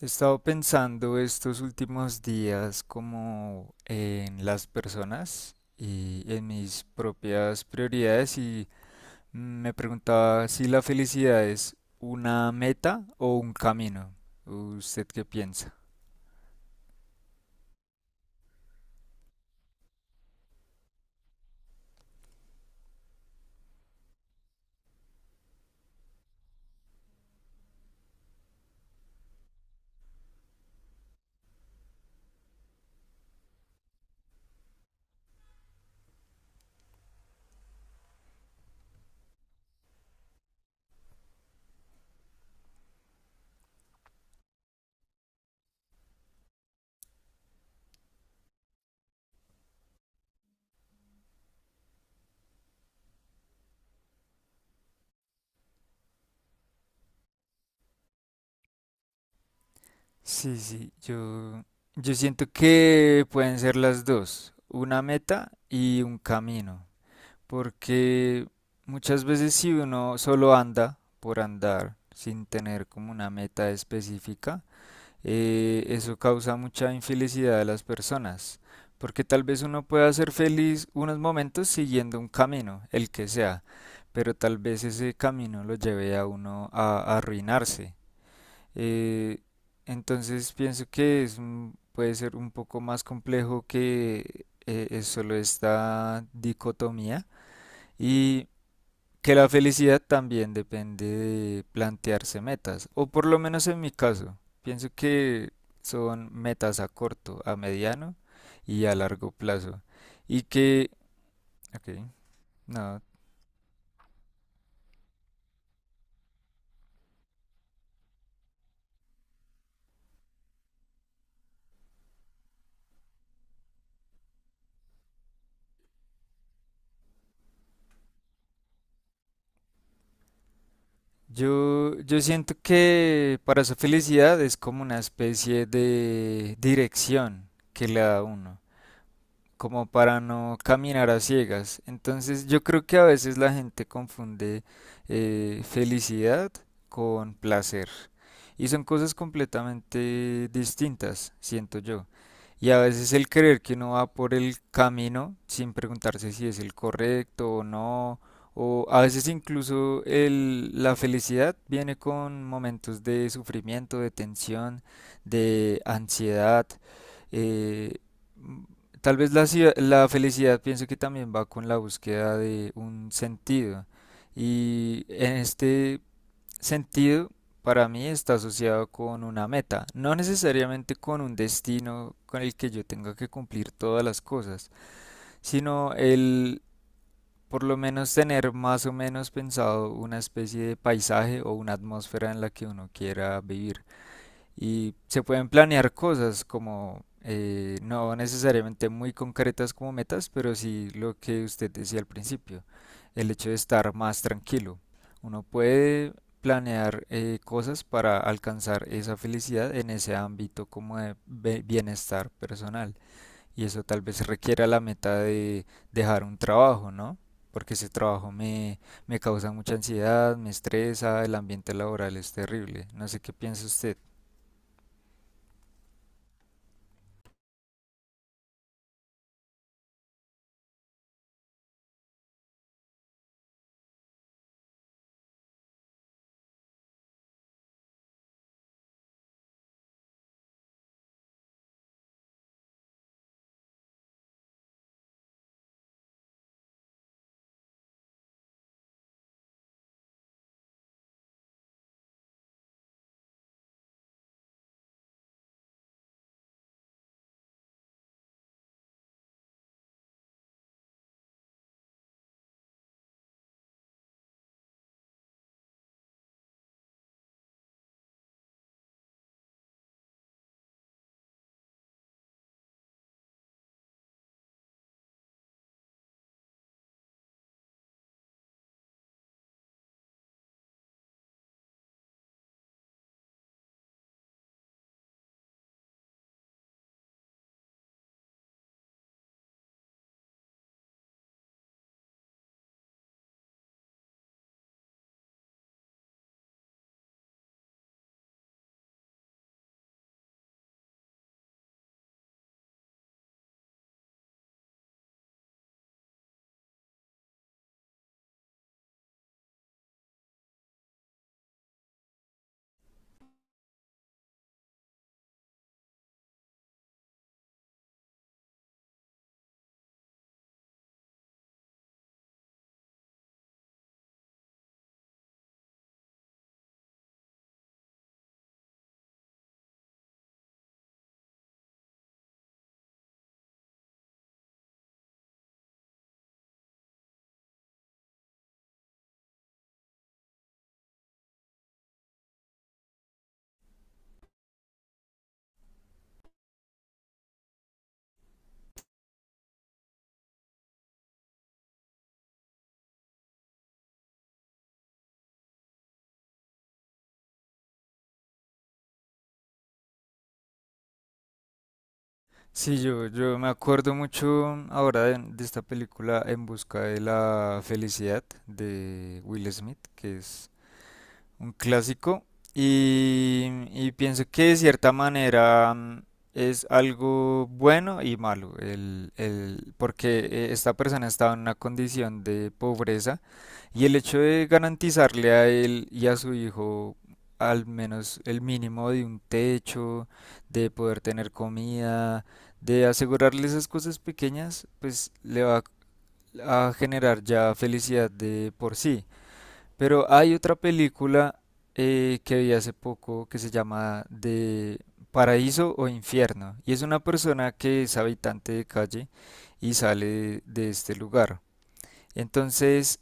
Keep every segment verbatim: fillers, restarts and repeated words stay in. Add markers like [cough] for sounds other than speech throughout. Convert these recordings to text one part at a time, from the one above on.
He estado pensando estos últimos días como en las personas y en mis propias prioridades y me preguntaba si la felicidad es una meta o un camino. ¿Usted qué piensa? Sí, sí, yo, yo siento que pueden ser las dos, una meta y un camino, porque muchas veces si uno solo anda por andar sin tener como una meta específica, eh, eso causa mucha infelicidad a las personas, porque tal vez uno pueda ser feliz unos momentos siguiendo un camino, el que sea, pero tal vez ese camino lo lleve a uno a, a arruinarse. Eh, entonces pienso que es, un- puede ser un poco más complejo que eh, es solo esta dicotomía. Y que la felicidad también depende de plantearse metas, o por lo menos en mi caso, pienso que son metas a corto, a mediano y a largo plazo. Y que, ok, no, yo, yo siento que para su felicidad es como una especie de dirección que le da a uno, como para no caminar a ciegas. Entonces yo creo que a veces la gente confunde eh, felicidad con placer. Y son cosas completamente distintas, siento yo. Y a veces el creer que uno va por el camino sin preguntarse si es el correcto o no, o a veces incluso el- la felicidad viene con momentos de sufrimiento, de tensión, de ansiedad. Eh, Tal vez la, cia- la felicidad pienso que también va con la búsqueda de un sentido. Y en este sentido, para mí está asociado con una meta, no necesariamente con un destino con el que yo tenga que cumplir todas las cosas, sino el por lo menos tener más o menos pensado una especie de paisaje o una atmósfera en la que uno quiera vivir. Y se pueden planear cosas como eh, no necesariamente muy concretas como metas, pero sí lo que usted decía al principio, el hecho de estar más tranquilo. Uno puede planear eh, cosas para alcanzar esa felicidad en ese ámbito como de be- bienestar personal. Y eso tal vez requiera la meta de dejar un trabajo, ¿no? Porque ese trabajo me, me causa mucha ansiedad, me estresa, el ambiente laboral es terrible. No sé qué piensa usted. Sí, yo, yo me acuerdo mucho ahora de, de esta película En busca de la felicidad de Will Smith, que es un clásico, y, y pienso que de cierta manera mm, es algo bueno y malo, el, el, porque eh, esta persona estaba en una condición de pobreza y el hecho de garantizarle a él y a su hijo al menos el mínimo de un techo, de poder tener comida, de asegurarle esas cosas pequeñas, pues le va a generar ya felicidad de por sí. Pero hay otra película eh, que vi hace poco que se llama de Paraíso o Infierno y es una persona que es habitante de calle y sale de este lugar. Entonces,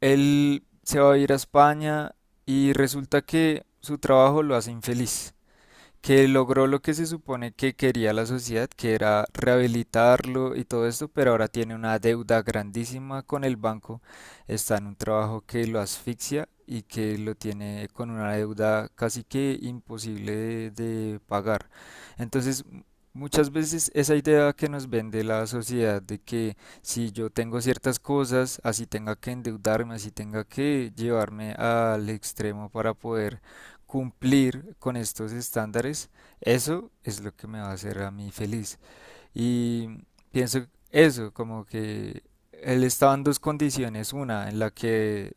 él se va a ir a España y resulta que su trabajo lo hace infeliz, que logró lo que se supone que quería la sociedad, que era rehabilitarlo y todo esto, pero ahora tiene una deuda grandísima con el banco, está en un trabajo que lo asfixia y que lo tiene con una deuda casi que imposible de, de pagar. Entonces, muchas veces esa idea que nos vende la sociedad de que si yo tengo ciertas cosas, así tenga que endeudarme, así tenga que llevarme al extremo para poder cumplir con estos estándares, eso es lo que me va a hacer a mí feliz. Y pienso eso, como que él estaba en dos condiciones, una en la que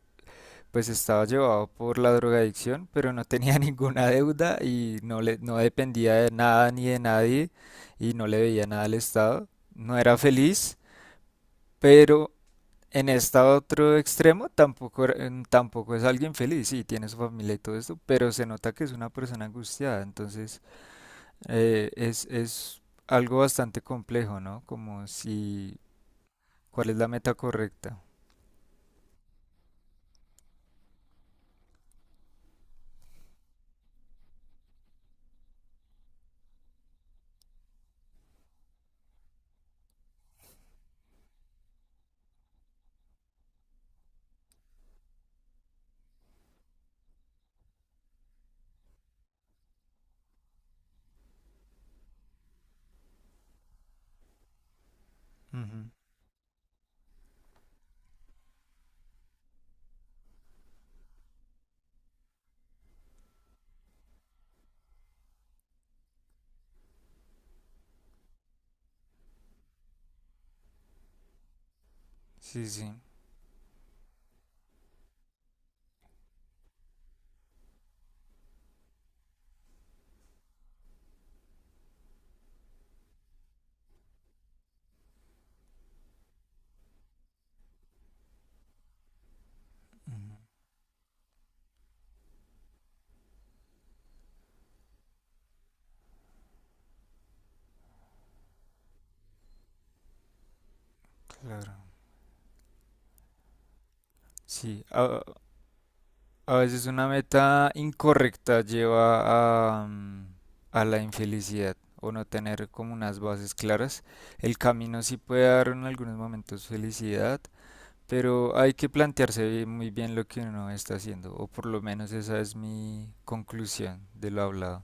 pues estaba llevado por la drogadicción, pero no tenía [laughs] ninguna deuda y no le, no dependía de nada ni de nadie y no le veía nada al Estado. No era feliz, pero en este otro extremo tampoco, era- en- tampoco es alguien feliz, sí, tiene su familia y todo esto, pero se nota que es una persona angustiada, entonces eh, es, es algo bastante complejo, ¿no? Como si, ¿cuál es la meta correcta? Ujú. Sí, sí, ujú, claro. Sí, a, a veces una meta incorrecta lleva a, mm, a la infelicidad o no tener como unas bases claras. El camino sí puede dar en algunos momentos felicidad. Pero hay que plantearse muy bien lo que uno está haciendo, o por lo menos esa es mi conclusión de lo hablado.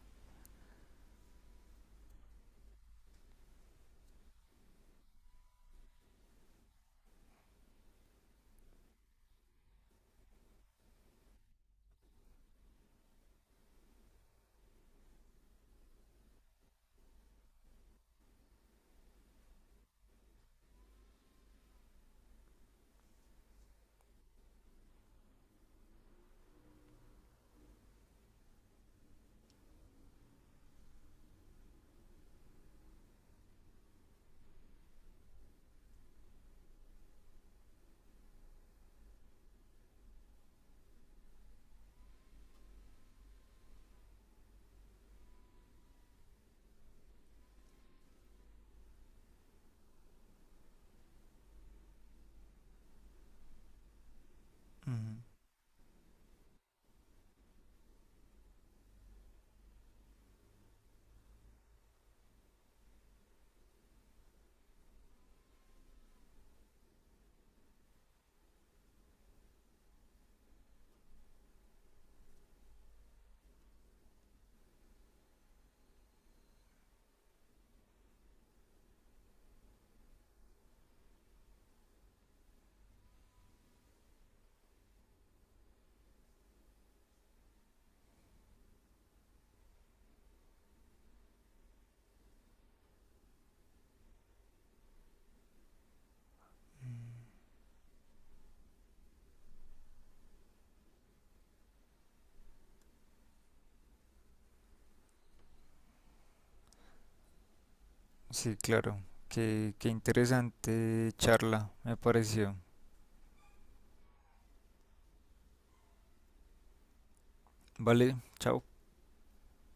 Ujú. Sí, claro. Qué, qué interesante charla, me pareció. Vale, chao.